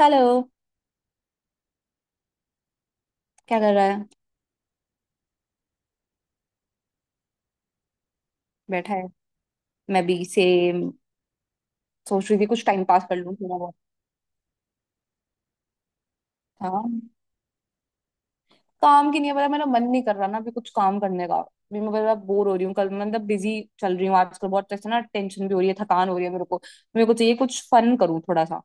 Hello. क्या कर रहा है। बैठा है। मैं भी सेम। सोच रही थी कुछ टाइम पास कर लूं थोड़ा बहुत। हाँ, काम की नहीं है पता, मेरा मन नहीं कर रहा ना अभी कुछ काम करने का भी। मैं बड़ा बोर हो रही हूँ कल, मतलब बिजी चल रही हूँ आजकल बहुत, ऐसे ना टेंशन भी हो रही है, थकान हो रही है मेरे को। मेरे को चाहिए कुछ फन करूँ थोड़ा सा।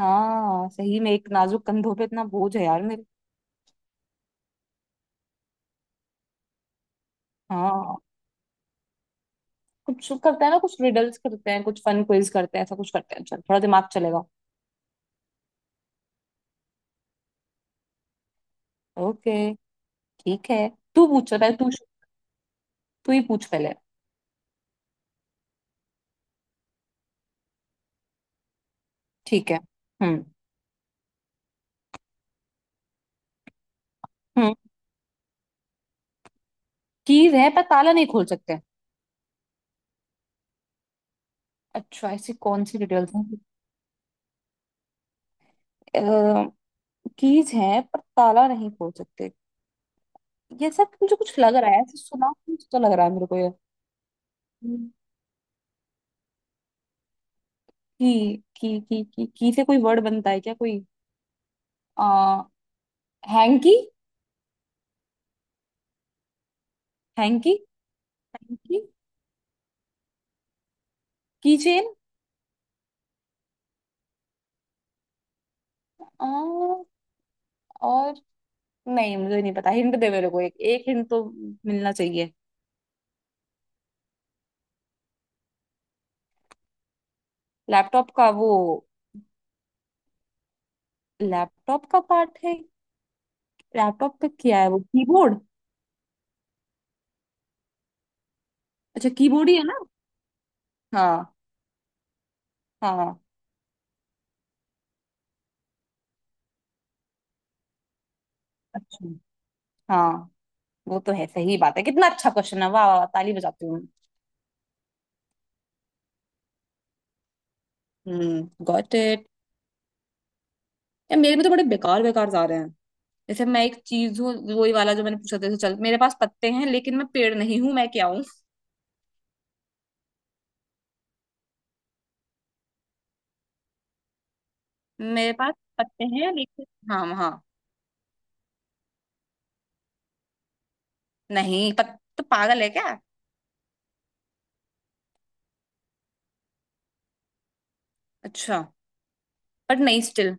हाँ सही में, एक नाजुक कंधों पे इतना बोझ है यार मेरे। हाँ, कुछ करते हैं ना, कुछ रिडल्स करते हैं, कुछ फन क्विज करते हैं, ऐसा कुछ करते हैं चल थोड़ा दिमाग चलेगा। ओके ठीक है। तू पूछ पहले, तू। तू ही पूछ पहले। ठीक है। हम्म। हम्म। कीज है पर ताला नहीं खोल सकते। अच्छा, ऐसी कौन सी डिटेल्स हैं। कीज है पर ताला नहीं खोल सकते। ये सब मुझे कुछ लग रहा है, ऐसे सुना कुछ तो लग रहा है मेरे को ये। हम्म, की से कोई वर्ड बनता है क्या कोई। आ, hanky. Hanky. Hanky. Key chain. आ, और, नहीं मुझे नहीं पता, हिंट दे मेरे को, एक एक हिंट तो मिलना चाहिए। लैपटॉप का वो। लैपटॉप का पार्ट है। लैपटॉप पे क्या है? वो कीबोर्ड। अच्छा कीबोर्ड ही है ना। हाँ। हाँ। अच्छा। हाँ, वो तो है, सही बात है, कितना अच्छा क्वेश्चन है, वाह वाह वाह, ताली बजाती हूँ। Hmm, got it. यार मेरे में तो बड़े बेकार बेकार जा रहे हैं। जैसे मैं एक चीज हूँ, वही वाला जो मैंने पूछा था, जैसे चल मेरे पास पत्ते हैं लेकिन मैं पेड़ नहीं हूँ, मैं क्या हूँ। मेरे पास पत्ते हैं लेकिन, हाँ हाँ, नहीं तो पागल है क्या। अच्छा, बट नहीं स्टिल।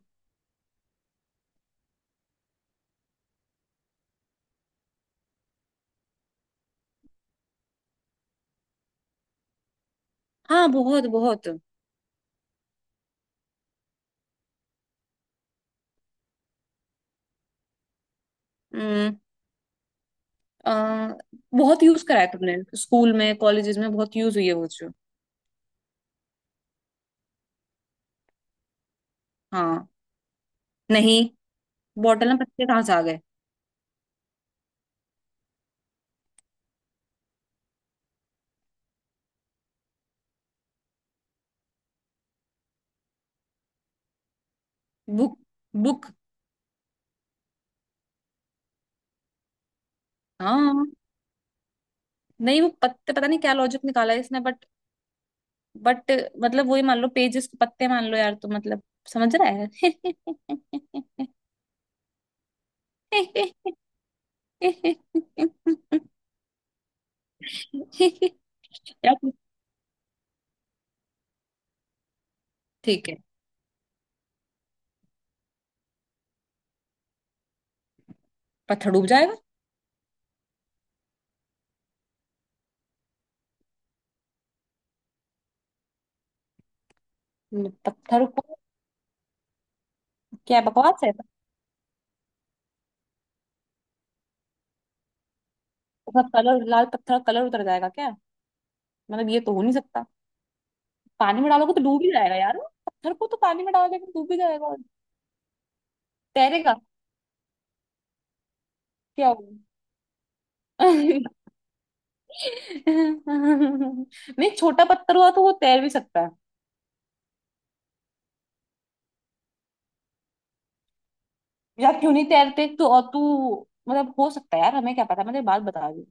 हाँ बहुत बहुत। हम्म। आ, बहुत यूज करा है तुमने स्कूल में कॉलेजेस में, बहुत यूज हुई है वो चीज। हाँ। नहीं, बॉटल में पत्ते कहाँ से आ गए। बुक। बुक। हाँ, नहीं वो पत्ते पता नहीं क्या लॉजिक निकाला है इसने, बट मतलब वही, मान लो पेजेस के पत्ते मान लो यार, तो मतलब समझ रहा है। यार तू- ठीक है। पत्थर डूब जाएगा। पत्थर ऊपर- क्या बकवास है। उसका कलर, लाल पत्थर का कलर उतर जाएगा क्या? मतलब ये तो हो नहीं सकता। पानी में डालोगे तो डूब ही जाएगा यार। पत्थर को तो पानी में डालोगे तो डूब ही जाएगा और तैरेगा, क्या होगा। नहीं, छोटा पत्थर हुआ तो वो तैर भी सकता है। यार क्यों नहीं तैरते तो, और तू, मतलब हो सकता है यार, हमें क्या पता, मैं तेरी बात बता रही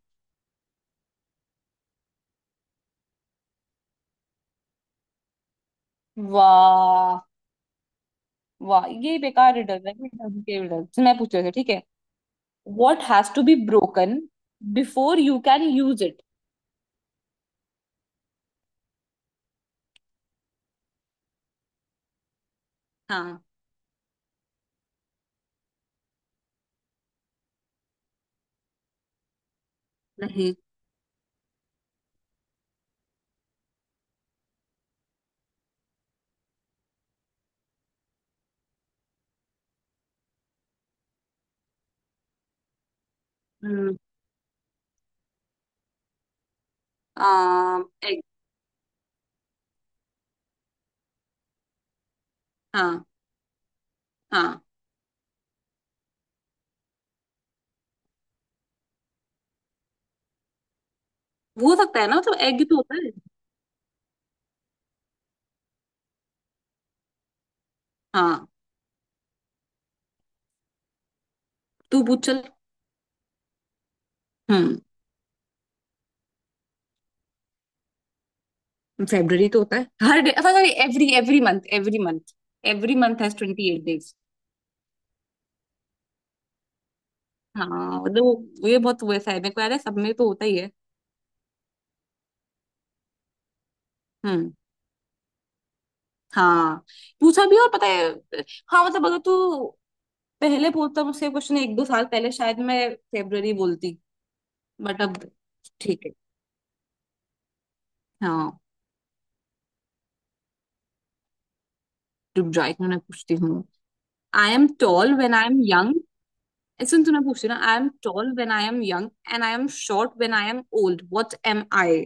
हूँ। वाह, वाह ये बेकार रिडल है, ये dumb के riddle। चल, मैं पूछ रही हूँ, ठीक है। What has to be broken before you can use it. हाँ। नहीं। हम्म, आ, एग। हाँ। हाँ, हो सकता है ना, मतलब एग तो होता है। हाँ, तू पूछ चल। हम्म, फेब्रुअरी तो होता है हर day, sorry, every every month, every month, every month has 28 days. हाँ मतलब वो ये बहुत वैसा है, मेरे को याद है सब में तो होता ही है। हम्म। हाँ पूछा भी और पता है। हाँ, मतलब अगर तू पहले बोलता मुझसे क्वेश्चन एक दो साल पहले शायद मैं फेब्रुअरी बोलती, बट अब ठीक है। हाँ रुक जाओ एक मिनट, मैं पूछती हूँ। I am tall when I am young. सुन तूने पूछती ना, I am tall when I am young and I am short when I am old, what am I.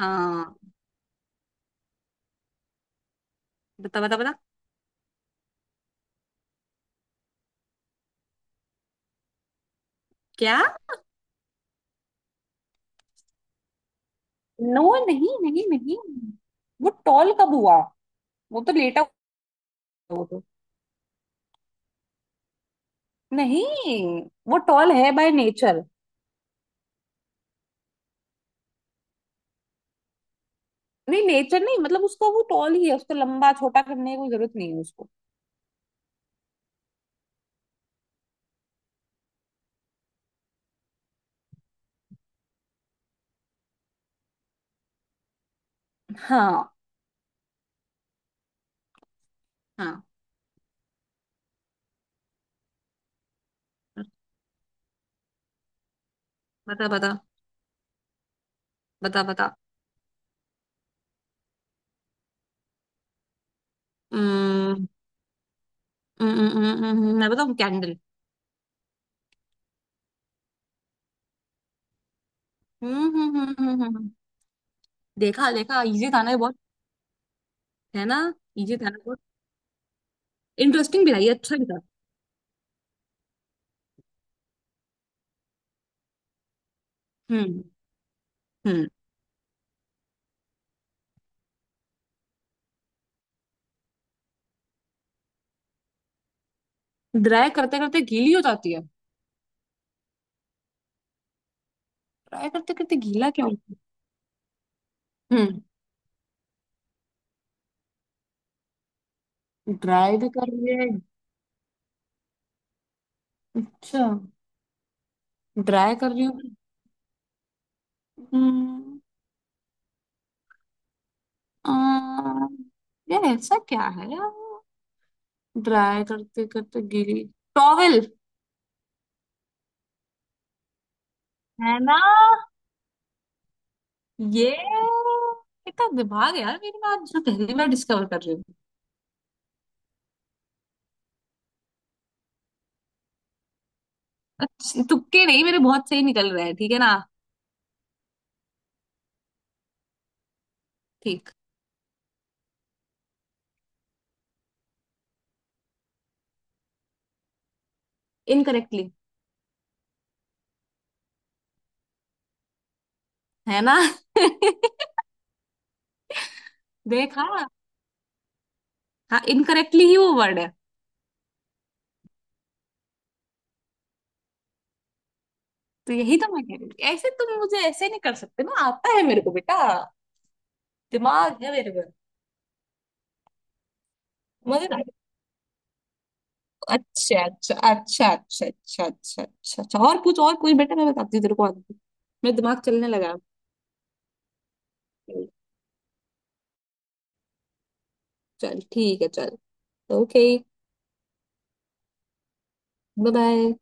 हाँ, बता बता बता। क्या। नो, नहीं नहीं नहीं। वो टॉल कब हुआ? वो तो लेटा हुआ है वो तो। नहीं, वो टॉल है बाय नेचर। नहीं, नेचर नहीं, मतलब उसका वो टॉल ही है, उसको लंबा छोटा करने की कोई जरूरत नहीं है उसको। हाँ। हाँ बता बता बता बता। हम्म, मैं बताऊँ? कैंडल। हम्म। देखा देखा, इजी था ना ये बहुत। है ना? इजी था ना बहुत। इंटरेस्टिंग भी था ये, अच्छा भी था। हम्म। हम्म, ड्राई करते करते गीली हो जाती है। ड्राई करते करते गीला क्यों। हम्म, ड्राई भी कर रही है। अच्छा, ड्राई कर रही हूँ। हम्म। आ, यार ऐसा क्या है यार, ड्राई करते करते गीली। टॉवेल। है ना ये, कितना दिमाग है यार मेरे में, आज जो पहली बार डिस्कवर कर रही हूँ। अच्छे- तुक्के नहीं मेरे, बहुत सही निकल रहे हैं ठीक है ना। ठीक, इनकरेक्टली, है ना। देखा, हाँ इनकरेक्टली ही वो वर्ड है। तो यही तो मैं कह रही थी, ऐसे तुम मुझे ऐसे नहीं कर सकते, ना आता है मेरे को बेटा, दिमाग है मेरे में। मगर, अच्छा अच्छा अच्छा अच्छा अच्छा अच्छा अच्छा अच्छा, और पूछ और पूछ, बेटा मैं बताती हूँ तेरे को आगे। मेरा दिमाग चलने लगा। चल ठीक है चल। Okay, bye bye.